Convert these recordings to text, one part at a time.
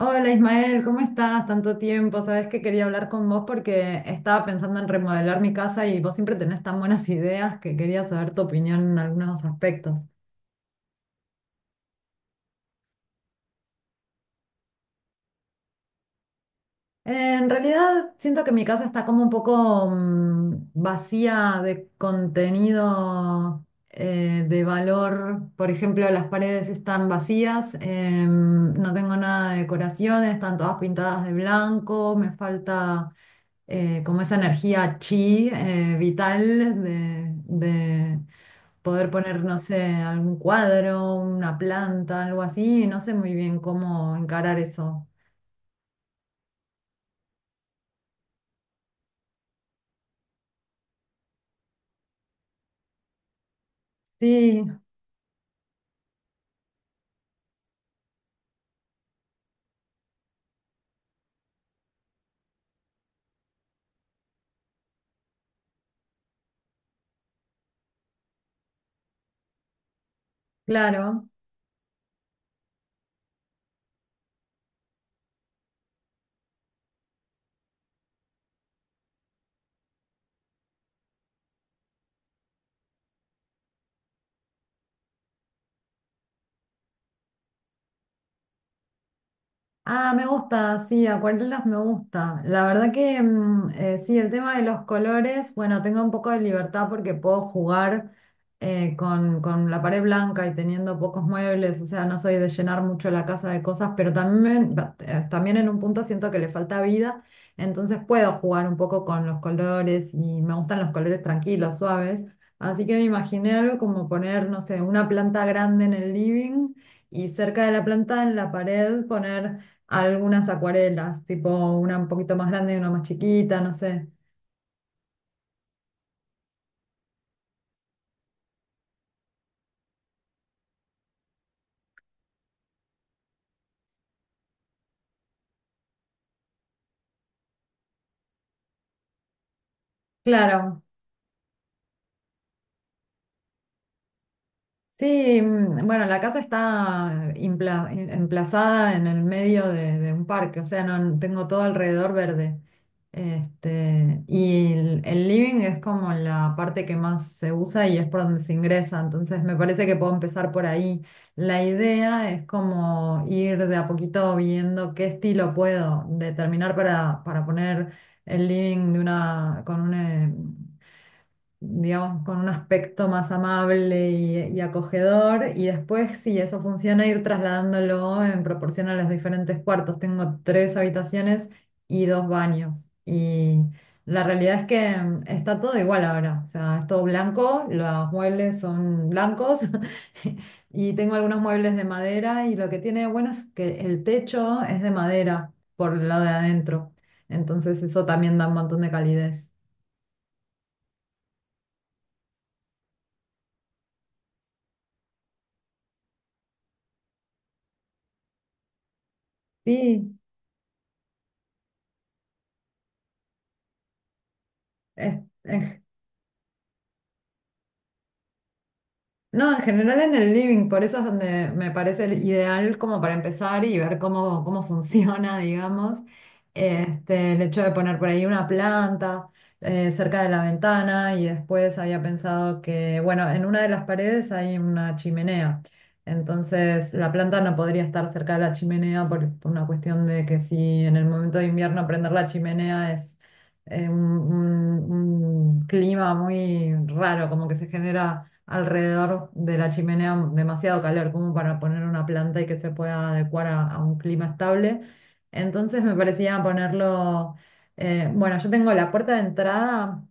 Hola Ismael, ¿cómo estás? Tanto tiempo. Sabes que quería hablar con vos porque estaba pensando en remodelar mi casa y vos siempre tenés tan buenas ideas que quería saber tu opinión en algunos aspectos. En realidad siento que mi casa está como un poco vacía de contenido de valor. Por ejemplo, las paredes están vacías, no tengo nada de decoración, están todas pintadas de blanco, me falta como esa energía chi vital de poder poner, no sé, algún cuadro, una planta, algo así. No sé muy bien cómo encarar eso. Sí, claro. Ah, me gusta, sí, acuarelas me gusta. La verdad que sí, el tema de los colores, bueno, tengo un poco de libertad porque puedo jugar con la pared blanca y teniendo pocos muebles, o sea, no soy de llenar mucho la casa de cosas, pero también, también en un punto siento que le falta vida, entonces puedo jugar un poco con los colores y me gustan los colores tranquilos, suaves. Así que me imaginé algo como poner, no sé, una planta grande en el living y cerca de la planta en la pared poner algunas acuarelas, tipo una un poquito más grande y una más chiquita, no sé. Claro, sí, bueno, la casa está emplazada en el medio de un parque, o sea, no tengo todo alrededor verde. Este, y el living es como la parte que más se usa y es por donde se ingresa, entonces me parece que puedo empezar por ahí. La idea es como ir de a poquito viendo qué estilo puedo determinar para poner el living de una, con una, digamos, con un aspecto más amable y acogedor. Y después, si eso funciona, ir trasladándolo en proporción a los diferentes cuartos. Tengo tres habitaciones y dos baños. Y la realidad es que está todo igual ahora. O sea, es todo blanco, los muebles son blancos. Y tengo algunos muebles de madera y lo que tiene bueno es que el techo es de madera por el lado de adentro. Entonces eso también da un montón de calidez. Sí, es, en no, en general en el living, por eso es donde me parece el ideal como para empezar y ver cómo, cómo funciona, digamos, este, el hecho de poner por ahí una planta cerca de la ventana y después había pensado que, bueno, en una de las paredes hay una chimenea, entonces la planta no podría estar cerca de la chimenea por una cuestión de que si en el momento de invierno prender la chimenea es un un clima muy raro, como que se genera alrededor de la chimenea demasiado calor como para poner una planta y que se pueda adecuar a un clima estable. Entonces me parecía ponerlo, bueno, yo tengo la puerta de entrada,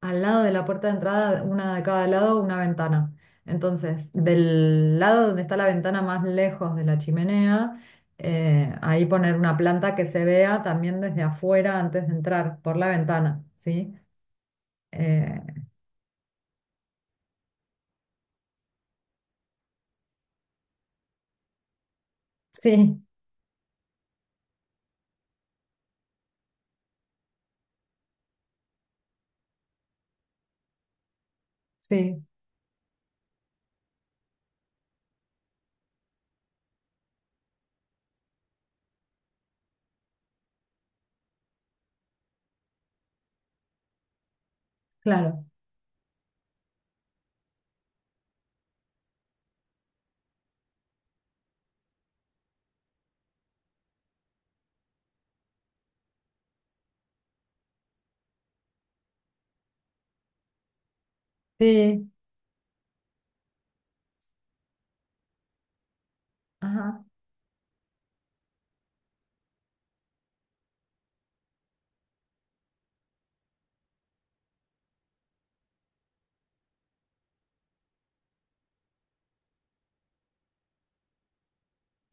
al lado de la puerta de entrada, una de cada lado, una ventana. Entonces, del lado donde está la ventana más lejos de la chimenea, ahí poner una planta que se vea también desde afuera antes de entrar por la ventana, ¿sí? Eh, sí, sí, claro. Sí, ajá,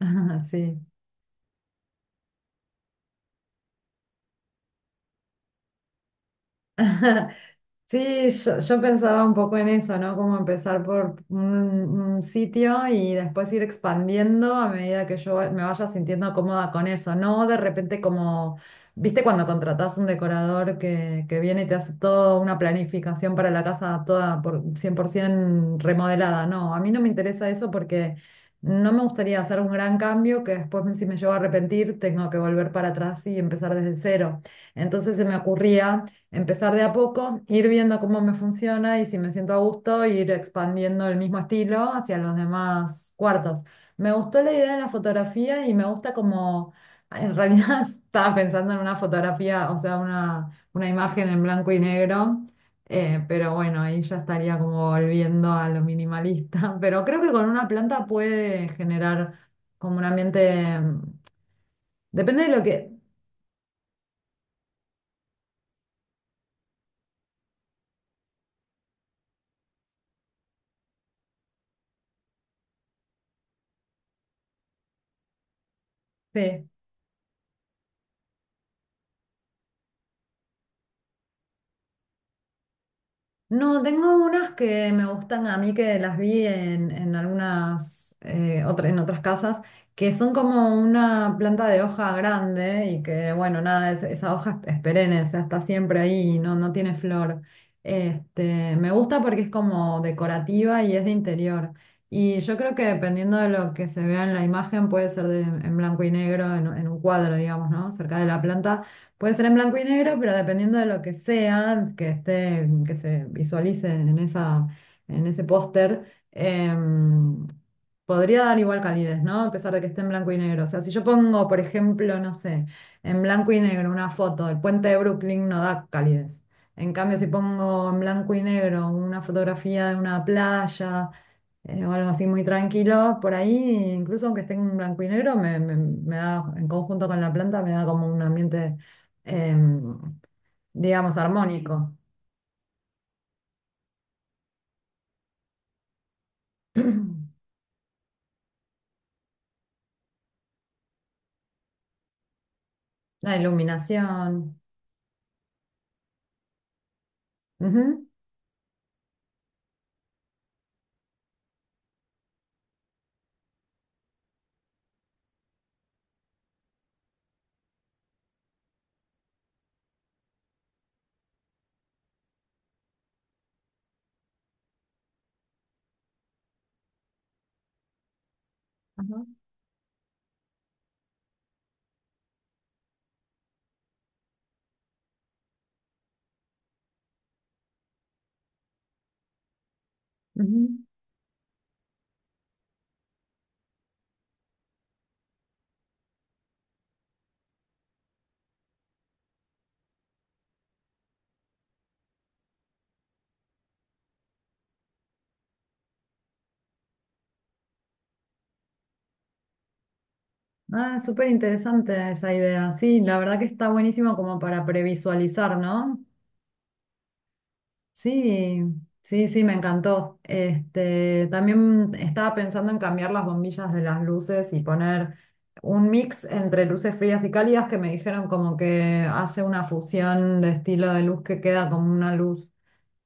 ajá, sí. Sí, yo pensaba un poco en eso, ¿no? Como empezar por un sitio y después ir expandiendo a medida que me vaya sintiendo cómoda con eso, no de repente como, viste cuando contratás un decorador que viene y te hace toda una planificación para la casa toda por 100% remodelada, no, a mí no me interesa eso porque no me gustaría hacer un gran cambio que después si me llevo a arrepentir tengo que volver para atrás y empezar desde cero. Entonces se me ocurría empezar de a poco, ir viendo cómo me funciona y si me siento a gusto, ir expandiendo el mismo estilo hacia los demás cuartos. Me gustó la idea de la fotografía y me gusta como, en realidad estaba pensando en una fotografía, o sea, una imagen en blanco y negro, pero bueno, ahí ya estaría como volviendo a lo minimalista, pero creo que con una planta puede generar como un ambiente, depende de lo que… Sí. No, tengo unas que me gustan a mí que las vi en algunas en otras casas, que son como una planta de hoja grande y que, bueno, nada, esa hoja es perenne, o sea, está siempre ahí, y no, no tiene flor. Este, me gusta porque es como decorativa y es de interior. Y yo creo que dependiendo de lo que se vea en la imagen, puede ser en blanco y negro, en un cuadro, digamos, ¿no? Cerca de la planta. Puede ser en blanco y negro, pero dependiendo de lo que sea, que esté, que se visualice en esa, en ese póster, em, podría dar igual calidez, ¿no? A pesar de que esté en blanco y negro. O sea, si yo pongo, por ejemplo, no sé, en blanco y negro una foto del puente de Brooklyn, no da calidez. En cambio, si pongo en blanco y negro una fotografía de una playa o algo así muy tranquilo por ahí, incluso aunque esté en blanco y negro, me da, en conjunto con la planta, me da como un ambiente, em, digamos, armónico. La iluminación. Ujú, ajá, ujú. Ah, súper interesante esa idea. Sí, la verdad que está buenísimo como para previsualizar, ¿no? Sí, sí, sí, me encantó. Este, también estaba pensando en cambiar las bombillas de las luces y poner un mix entre luces frías y cálidas que me dijeron como que hace una fusión de estilo de luz que queda como una luz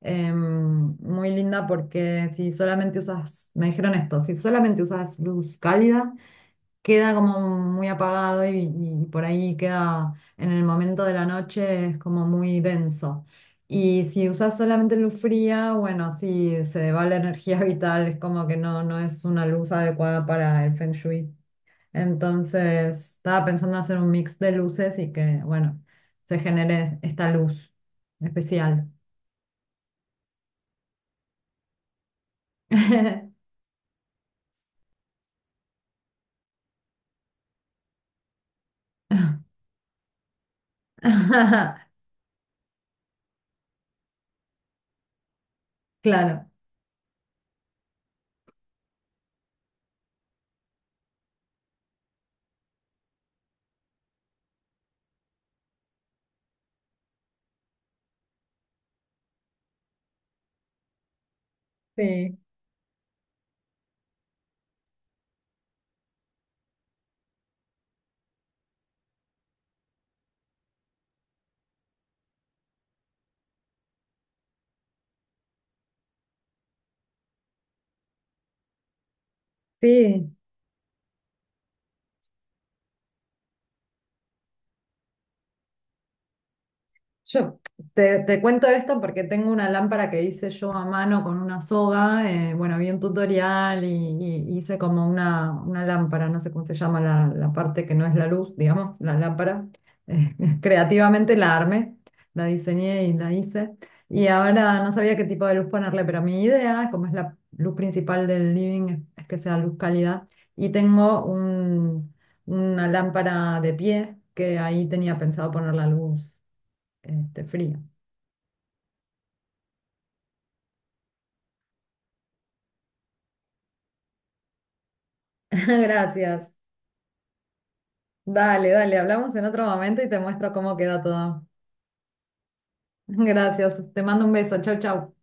muy linda porque si solamente usas, me dijeron esto, si solamente usas luz cálida, queda como muy apagado y por ahí queda en el momento de la noche es como muy denso. Y si usas solamente luz fría, bueno, sí, se va la energía vital, es como que no, no es una luz adecuada para el Feng Shui. Entonces, estaba pensando hacer un mix de luces y que, bueno, se genere esta luz especial. Claro, sí, sí. Yo te cuento esto porque tengo una lámpara que hice yo a mano con una soga. Bueno, vi un tutorial y hice como una lámpara, no sé cómo se llama la parte que no es la luz, digamos, la lámpara. Eh, creativamente la armé, la diseñé y la hice. Y ahora no sabía qué tipo de luz ponerle, pero mi idea, como es la luz principal del living, es que sea luz cálida. Y tengo un, una lámpara de pie que ahí tenía pensado poner la luz. Este, frío. Gracias. Dale, dale, hablamos en otro momento y te muestro cómo queda todo. Gracias. Te mando un beso. Chau, chau.